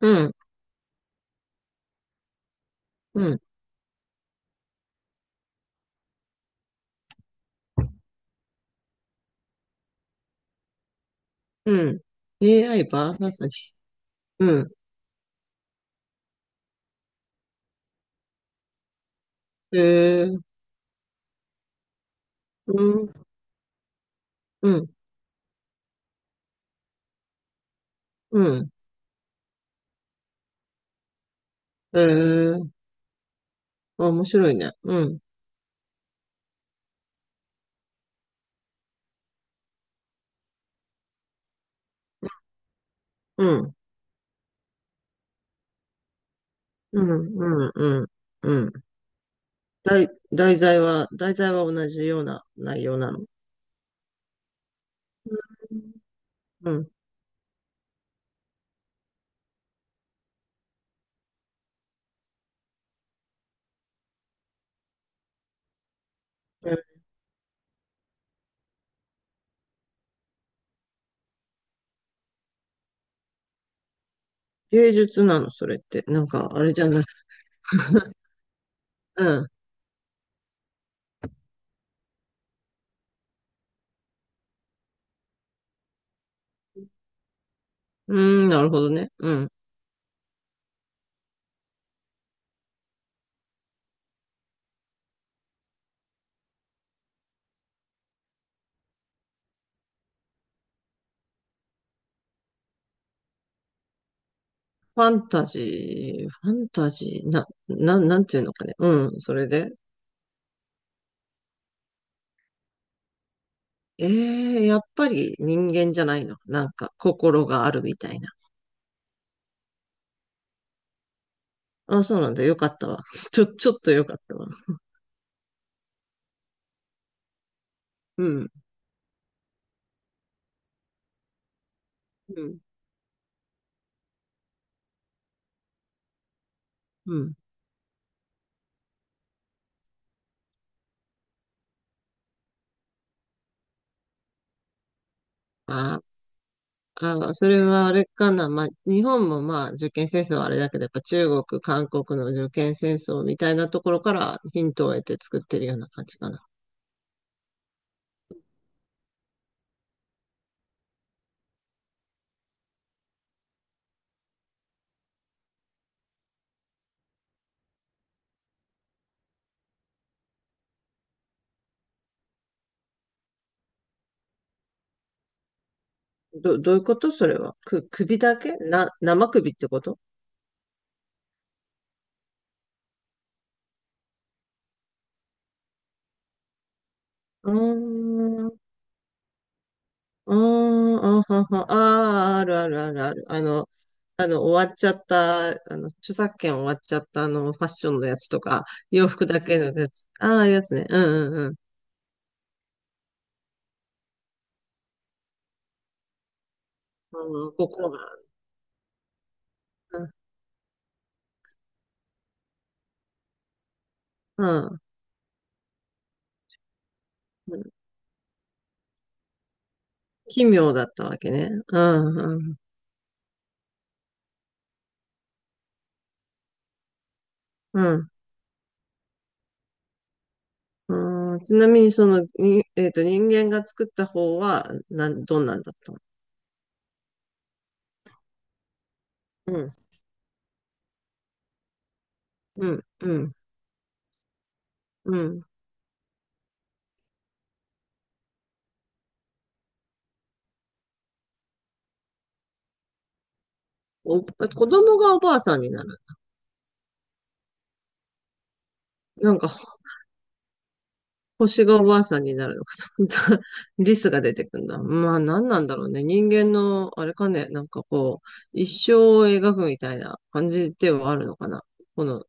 うん、うん、うん。AI バーサス。うん。へえ、うん、うん、うん。へえ、あ、面白いね。うん、うん、うん、うん、うん。うん。題、題材は同じような内容なの。うん。え、芸術なの、それって？なんか、あれじゃない。うん。うん、なるほどね。うん。ファンタジファンタジー、なんていうのかね。うん、それで、ええ、やっぱり人間じゃないの？なんか、心があるみたいな。あ、そうなんだ。よかったわ。ちょっとよかったわ。うん、うん、うん。あ、あ、それはあれかな。まあ、日本もまあ、受験戦争はあれだけど、やっぱ中国、韓国の受験戦争みたいなところからヒントを得て作ってるような感じかな。どういうことそれは？首だけな、生首ってこと？うーん。ああ、あはは、ああ、あるあるあるある。あの、終わっちゃった、著作権終わっちゃった、あの、ファッションのやつとか、洋服だけのやつ。ああ、やつね。うん、うん、うん。うん、心が、うん、うん。奇妙だったわけね。うん、うん、うん。うん、ちなみに、人間が作った方は、どんなんだったの？うん、うん、うん、うん。子供がおばあさんになる？なんか、星がおばあさんになるのかと思った。リスが出てくんだ。まあ何なんだろうね。人間の、あれかね、なんかこう、一生を描くみたいな感じではあるのかな。この、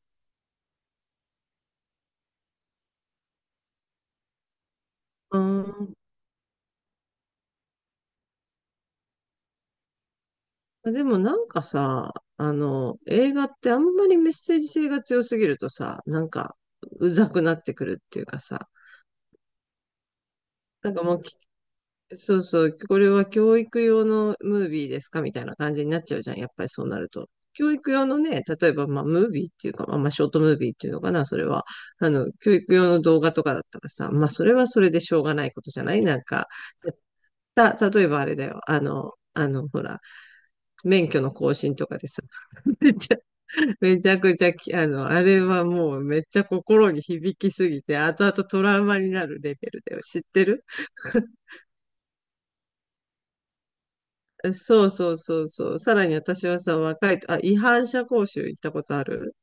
うーん。でもなんかさ、あの、映画ってあんまりメッセージ性が強すぎるとさ、なんか、うざくなってくるっていうかさ、なんかもう、そうそう、これは教育用のムービーですかみたいな感じになっちゃうじゃん。やっぱりそうなると。教育用のね、例えば、まあ、ムービーっていうか、まあ、まあショートムービーっていうのかな、それは。あの、教育用の動画とかだったらさ、まあ、それはそれでしょうがないことじゃない、なんか、例えばあれだよ。あの、ほら、免許の更新とかでさ、めっちゃ、めちゃくちゃき、あの、あれはもうめっちゃ心に響きすぎて、後々トラウマになるレベルだよ。知ってる？そうそうそうそう。さらに私はさ、若いと、あ、違反者講習行ったことある？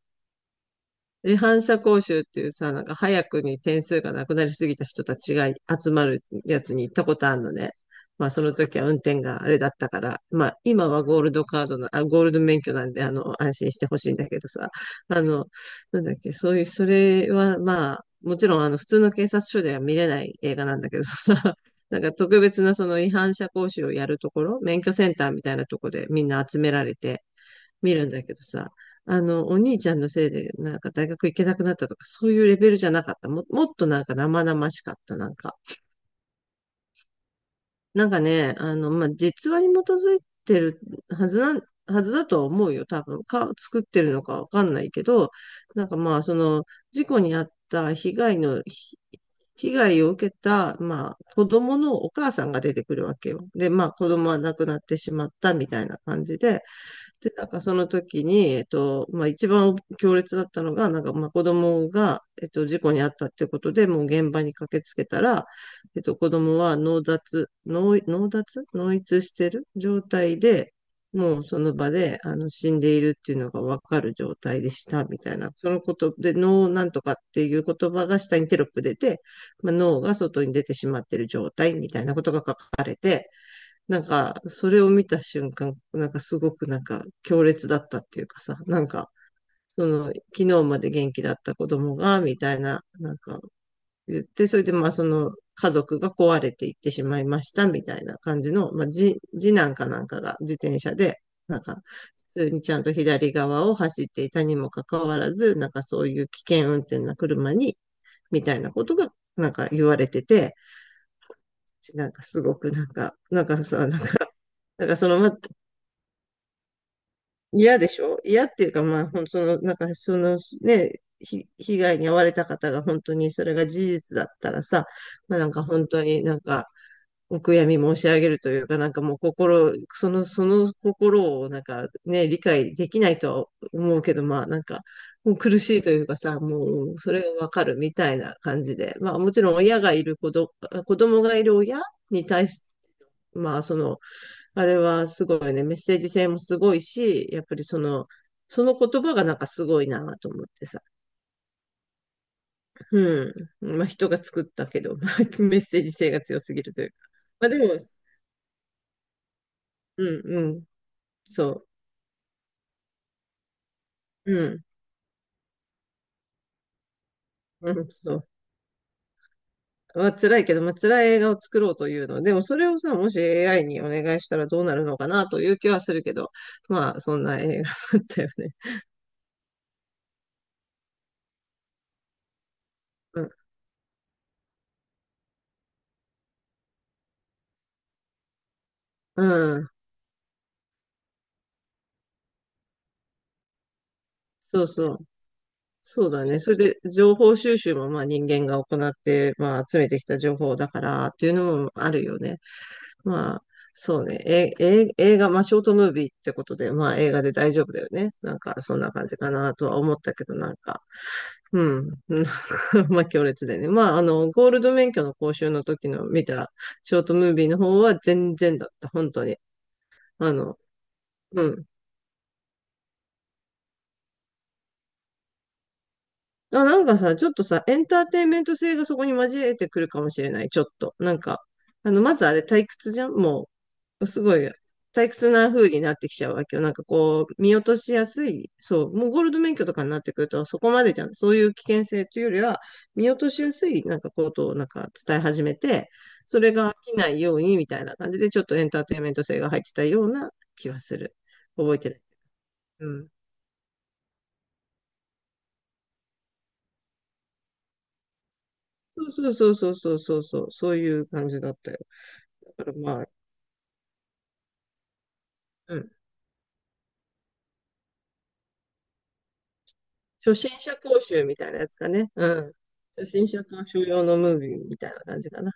で、反者講習っていうさ、なんか早くに点数がなくなりすぎた人たちが集まるやつに行ったことあるのね。まあその時は運転があれだったから、まあ今はゴールドカードな、あ、ゴールド免許なんで、あの、安心してほしいんだけどさ、あの、なんだっけ、そういう、それはまあ、もちろんあの普通の警察署では見れない映画なんだけどさ、なんか特別なその違反者講習をやるところ、免許センターみたいなところでみんな集められて、見るんだけどさ、あの、お兄ちゃんのせいで、なんか大学行けなくなったとか、そういうレベルじゃなかった。もっとなんか生々しかった、なんか。なんかね、あの、まあ、実話に基づいてるはずなん、はずだとは思うよ、多分。作ってるのかわかんないけど、なんかまあ、その、事故に遭った被害を受けた、まあ、子供のお母さんが出てくるわけよ。で、まあ、子供は亡くなってしまったみたいな感じで、で、なんかその時に、まあ一番強烈だったのが、なんかまあ子供が、事故に遭ったってことで、もう現場に駆けつけたら、子供は脳脱脳逸してる状態で、もうその場で、あの、死んでいるっていうのがわかる状態でした、みたいな。そのことで、脳なんとかっていう言葉が下にテロップ出て、まあ、脳が外に出てしまっている状態みたいなことが書かれて、なんか、それを見た瞬間、なんかすごくなんか強烈だったっていうかさ、なんか、その、昨日まで元気だった子供が、みたいな、なんか言って、それでまあその家族が壊れていってしまいました、みたいな感じの、まあ、次男かなんかが自転車で、なんか、普通にちゃんと左側を走っていたにもかかわらず、なんかそういう危険運転な車に、みたいなことが、なんか言われてて、なんかすごくなんか、なんかさ、なんか、なんかその、ま、嫌でしょ、嫌っていうか、まあ、ほん、その、なんか、その、ね、ひ、被害に遭われた方が本当にそれが事実だったらさ、まあ、なんか本当になんか、お悔やみ申し上げるというか、なんかもう心、その、その心をなんかね、理解できないとは思うけど、まあなんか、もう苦しいというかさ、もうそれがわかるみたいな感じで、まあもちろん親がいる子供がいる親に対し、まあその、あれはすごいね、メッセージ性もすごいし、やっぱりその、その言葉がなんかすごいなと思ってさ。うん。まあ人が作ったけど、まあメッセージ性が強すぎるというか。まあでも、うんうん、そう。うん、うん、そう。まあ辛いけど、まあ辛い映画を作ろうというの。でもそれをさ、もし AI にお願いしたらどうなるのかなという気はするけど、まあそんな映画だったよね。うん、うん、そうそう。そうだね。それで、情報収集も、まあ、人間が行って、まあ、集めてきた情報だから、っていうのもあるよね。まあ、そうね。映画、まあ、ショートムービーってことで、まあ、映画で大丈夫だよね。なんか、そんな感じかな、とは思ったけど、なんか、うん。なんか まあ、強烈でね。まあ、あの、ゴールド免許の講習の時の見たショートムービーの方は全然だった。本当に。あの、うん。あ、なんかさ、ちょっとさ、エンターテインメント性がそこに混じれてくるかもしれない、ちょっと。なんか、あの、まずあれ退屈じゃん。もう、すごい、退屈な風になってきちゃうわけよ。なんかこう、見落としやすい。そう、もうゴールド免許とかになってくると、そこまでじゃん。そういう危険性というよりは、見落としやすい、なんかことをなんか伝え始めて、それが飽きないようにみたいな感じで、ちょっとエンターテインメント性が入ってたような気はする。覚えてる。そうそうそうそうそうそう、そういう感じだったよ。だからまあ、うん。初心者講習みたいなやつかね。うん。初心者講習用のムービーみたいな感じかな。